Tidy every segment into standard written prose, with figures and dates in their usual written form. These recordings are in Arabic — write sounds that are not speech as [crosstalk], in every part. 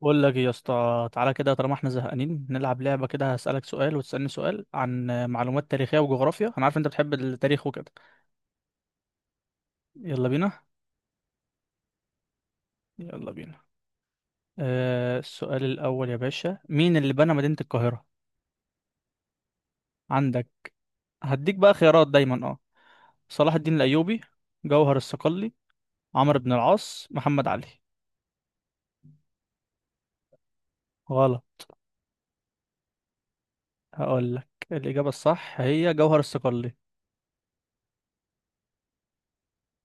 بقول لك إيه يا اسطى، تعالى كده، طالما احنا زهقانين نلعب لعبه كده. هسألك سؤال وتسألني سؤال عن معلومات تاريخيه وجغرافيا، انا عارف انت بتحب التاريخ وكده. يلا بينا. يلا بينا. السؤال الاول يا باشا، مين اللي بنى مدينه القاهره؟ عندك. هديك بقى خيارات دايما. اه، صلاح الدين الايوبي، جوهر الصقلي، عمرو بن العاص، محمد علي. غلط. هقول لك الاجابه الصح هي جوهر الصقلي.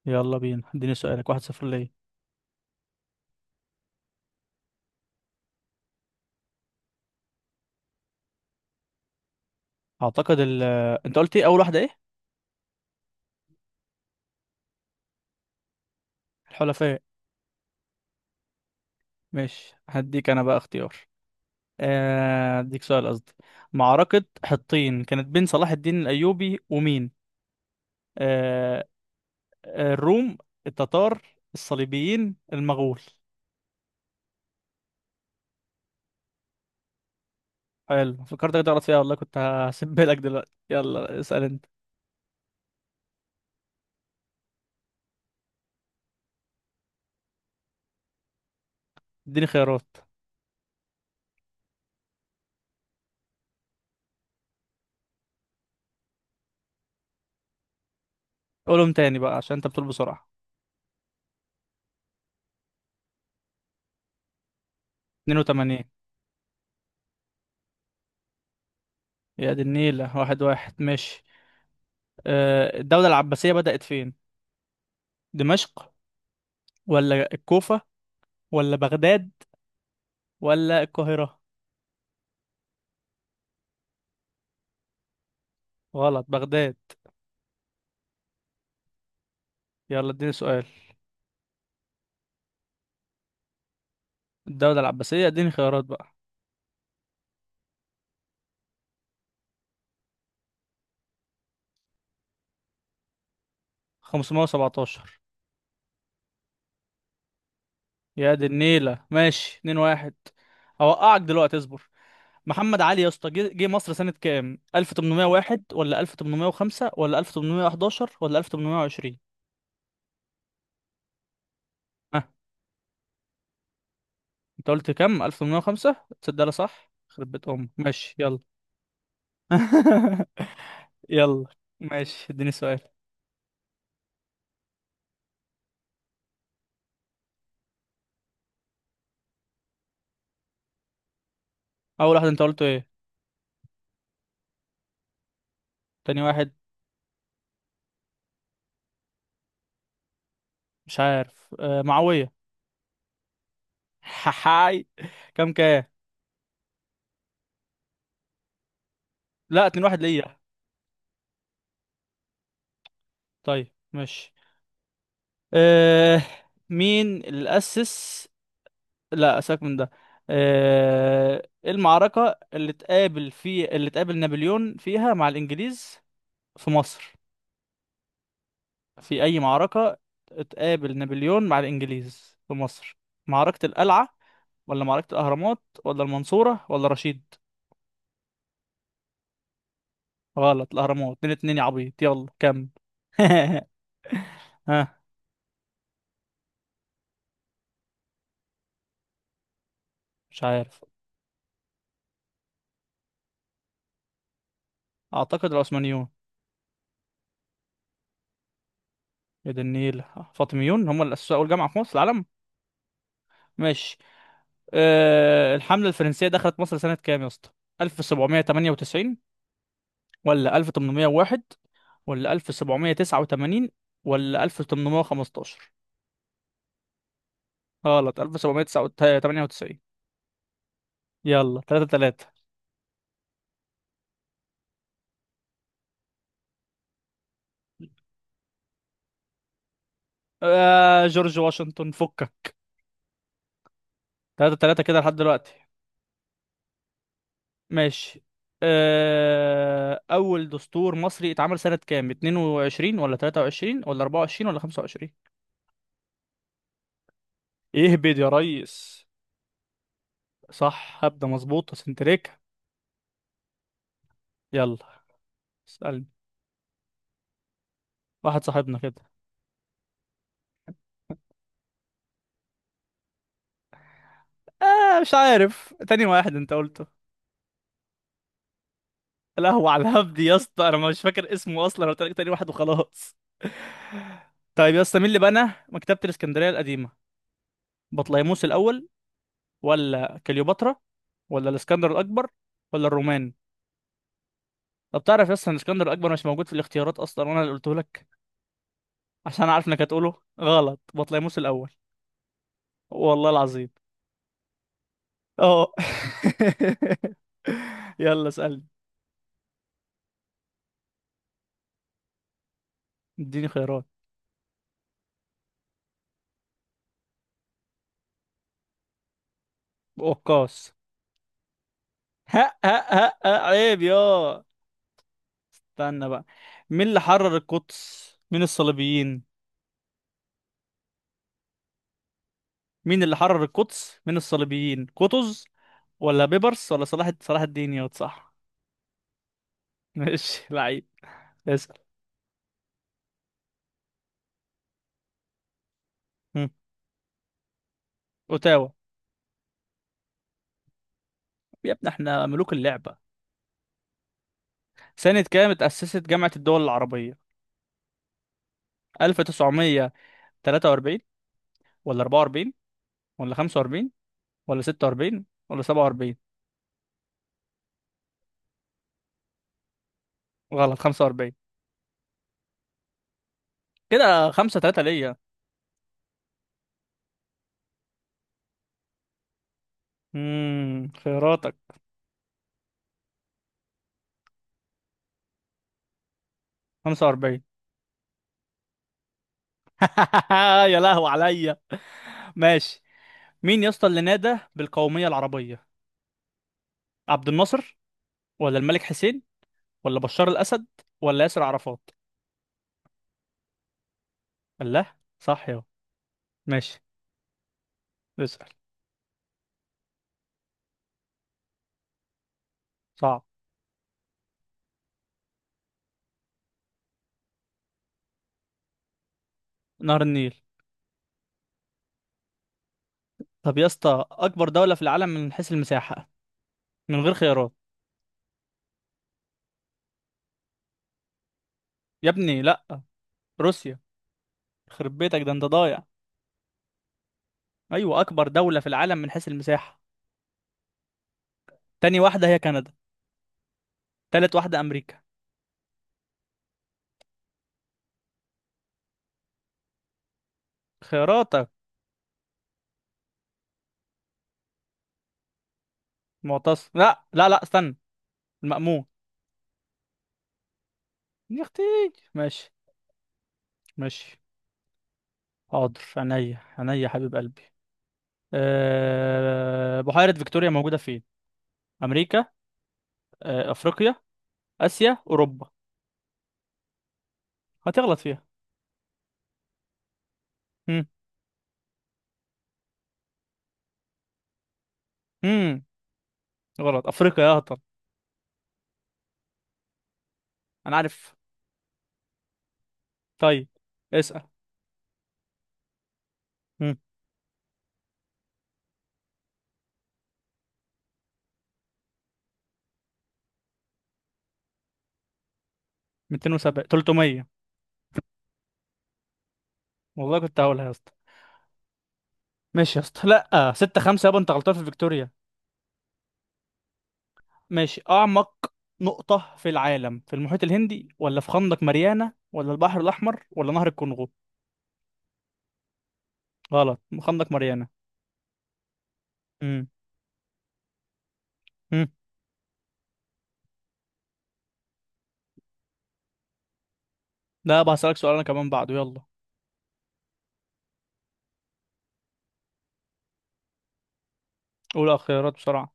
يلا بينا، اديني سؤالك. واحد صفر ليه. اعتقد ال آه، انت قلت ايه، اول واحده ايه؟ الحلفاء. ماشي، هديك انا بقى اختيار. هديك سؤال قصدي. معركة حطين كانت بين صلاح الدين الأيوبي ومين؟ آه، الروم، التتار، الصليبيين، المغول. حلو، فكرتك تغلط فيها والله، كنت هسيبها لك دلوقتي. يلا اسأل انت. اديني خيارات. قولهم تاني بقى عشان انت بتقول بسرعة. 82. يا دي النيلة، واحد واحد ماشي. الدولة العباسية بدأت فين؟ دمشق، ولا الكوفة، ولا بغداد، ولا القاهرة؟ غلط، بغداد. يلا اديني سؤال. الدولة العباسية، اديني خيارات بقى. 517. يا دي النيلة، ماشي، 2 1. هوقعك دلوقتي، اصبر. محمد علي يا اسطى، جه مصر سنة كام؟ 1801 ولا 1805 ولا 1811 ولا 1820؟ ها، انت قلت كام؟ 1805. تصدق ده صح، خرب بيت امك. ماشي يلا. [laughs] يلا. ماشي، اديني سؤال. اول واحد انت قلته ايه؟ تاني واحد. مش عارف. آه معاوية. [laughs] حاي. كام كام؟ لا، 2 1 ليا. طيب ماشي. آه مين اللي أسس، لا سيبك من ده. إيه المعركة اللي تقابل نابليون فيها مع الإنجليز في مصر، في أي معركة؟ تقابل نابليون مع الإنجليز في مصر. معركة القلعة، ولا معركة الأهرامات، ولا المنصورة، ولا رشيد؟ غلط، الأهرامات. اتنين اتنين يا عبيط. يلا كمل. [laughs] ها. مش عارف، أعتقد العثمانيون. يا دي النيل. فاطميون هم اللي أسسوا أول جامعة في مصر العالم. ماشي. الحملة الفرنسية دخلت مصر سنة كام يا اسطى؟ 1798 ولا 1801 ولا 1789 ولا 1815؟ غلط، 1798. يلا 3 3. جورج واشنطن، فكك. 3 3 كده لحد دلوقتي. ماشي. أول دستور مصري اتعمل سنة كام؟ 22 ولا 23 ولا 24 ولا 25؟ ايه بيد يا ريس؟ صح، هبدأ مظبوطة سنتريكا. يلا اسألني. واحد صاحبنا كده. آه مش عارف، تاني واحد انت قلته. القهوة على الهبد يا اسطى، انا مش فاكر اسمه اصلا، انا قلت لك تاني واحد وخلاص. طيب يا اسطى، مين اللي بنى مكتبة الاسكندرية القديمة؟ بطليموس الاول، ولا كليوباترا، ولا الاسكندر الاكبر، ولا الرومان؟ طب تعرف يا اسطى ان الاسكندر الاكبر مش موجود في الاختيارات اصلا، وانا اللي قلته لك عشان عارف انك هتقوله. غلط، بطليموس الاول. والله العظيم. اه. [laughs] يلا اسألني. اديني خيارات. وقاص. ها ها ها ها، عيب يا. استنى بقى. مين اللي حرر القدس من الصليبيين؟ مين اللي حرر القدس من الصليبيين؟ قطز، ولا بيبرس، ولا صلاح الدين يا صح؟ [laughs] ماشي لعيب. اسأل. هم. اوتاوا. يا ابني، احنا ملوك اللعبة. سنة كام اتأسست جامعة الدول العربية؟ 1943 ولا 44 ولا 45 ولا 46 ولا 47؟ غلط، 45. كده 5 3 ليا. خياراتك. 45. [laughs] يا لهو عليا. ماشي. مين يا اسطى اللي نادى بالقومية العربية؟ عبد الناصر، ولا الملك حسين، ولا بشار الأسد، ولا ياسر عرفات؟ الله، صح يا. ماشي. اسأل. صعب. نهر النيل. طب يا اسطى، أكبر دولة في العالم من حيث المساحة، من غير خيارات. يا ابني لا، روسيا. خرب بيتك، ده انت ضايع. أيوة، أكبر دولة في العالم من حيث المساحة. تاني واحدة هي كندا، تالت واحدة أمريكا. خياراتك. معتصم، لا لا لا، استنى، المأمون. يا اختي. ماشي ماشي. حاضر، عينيا عينيا يا حبيب قلبي. بحيرة فيكتوريا موجودة فين؟ أمريكا، أفريقيا، آسيا، أوروبا؟ هتغلط فيها. هم هم غلط، أفريقيا يا هطل. أنا عارف. طيب. اسأل. هم 207، 300. والله كنت هقولها يا اسطى. ماشي يا اسطى. لأ 6 5 يابا، أنت غلطان في فيكتوريا. ماشي. أعمق نقطة في العالم، في المحيط الهندي، ولا في خندق ماريانا، ولا البحر الأحمر، ولا نهر الكونغو؟ غلط، خندق ماريانا. هم هم لا بقى، هسألك سؤال أنا كمان بعده. يلا، أولى الخيارات بسرعة.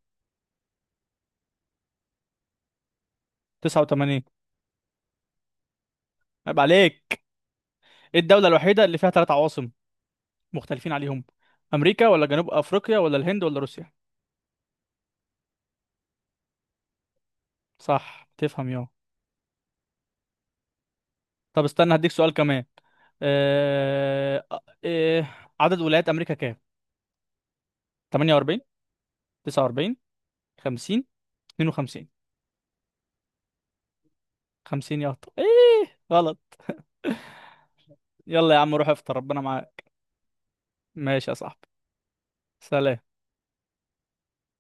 89. عيب عليك. إيه الدولة الوحيدة اللي فيها ثلاث عواصم، مختلفين عليهم؟ أمريكا، ولا جنوب أفريقيا، ولا الهند، ولا روسيا؟ صح، تفهم يا. طب استنى، هديك سؤال كمان. آه... آه... آه، عدد ولايات أمريكا كام؟ 48، 49، 50، 52. 50 يا أخطأ. ايه غلط. يلا يا عم، روح افطر، ربنا معاك. ماشي يا صاحبي. سلام.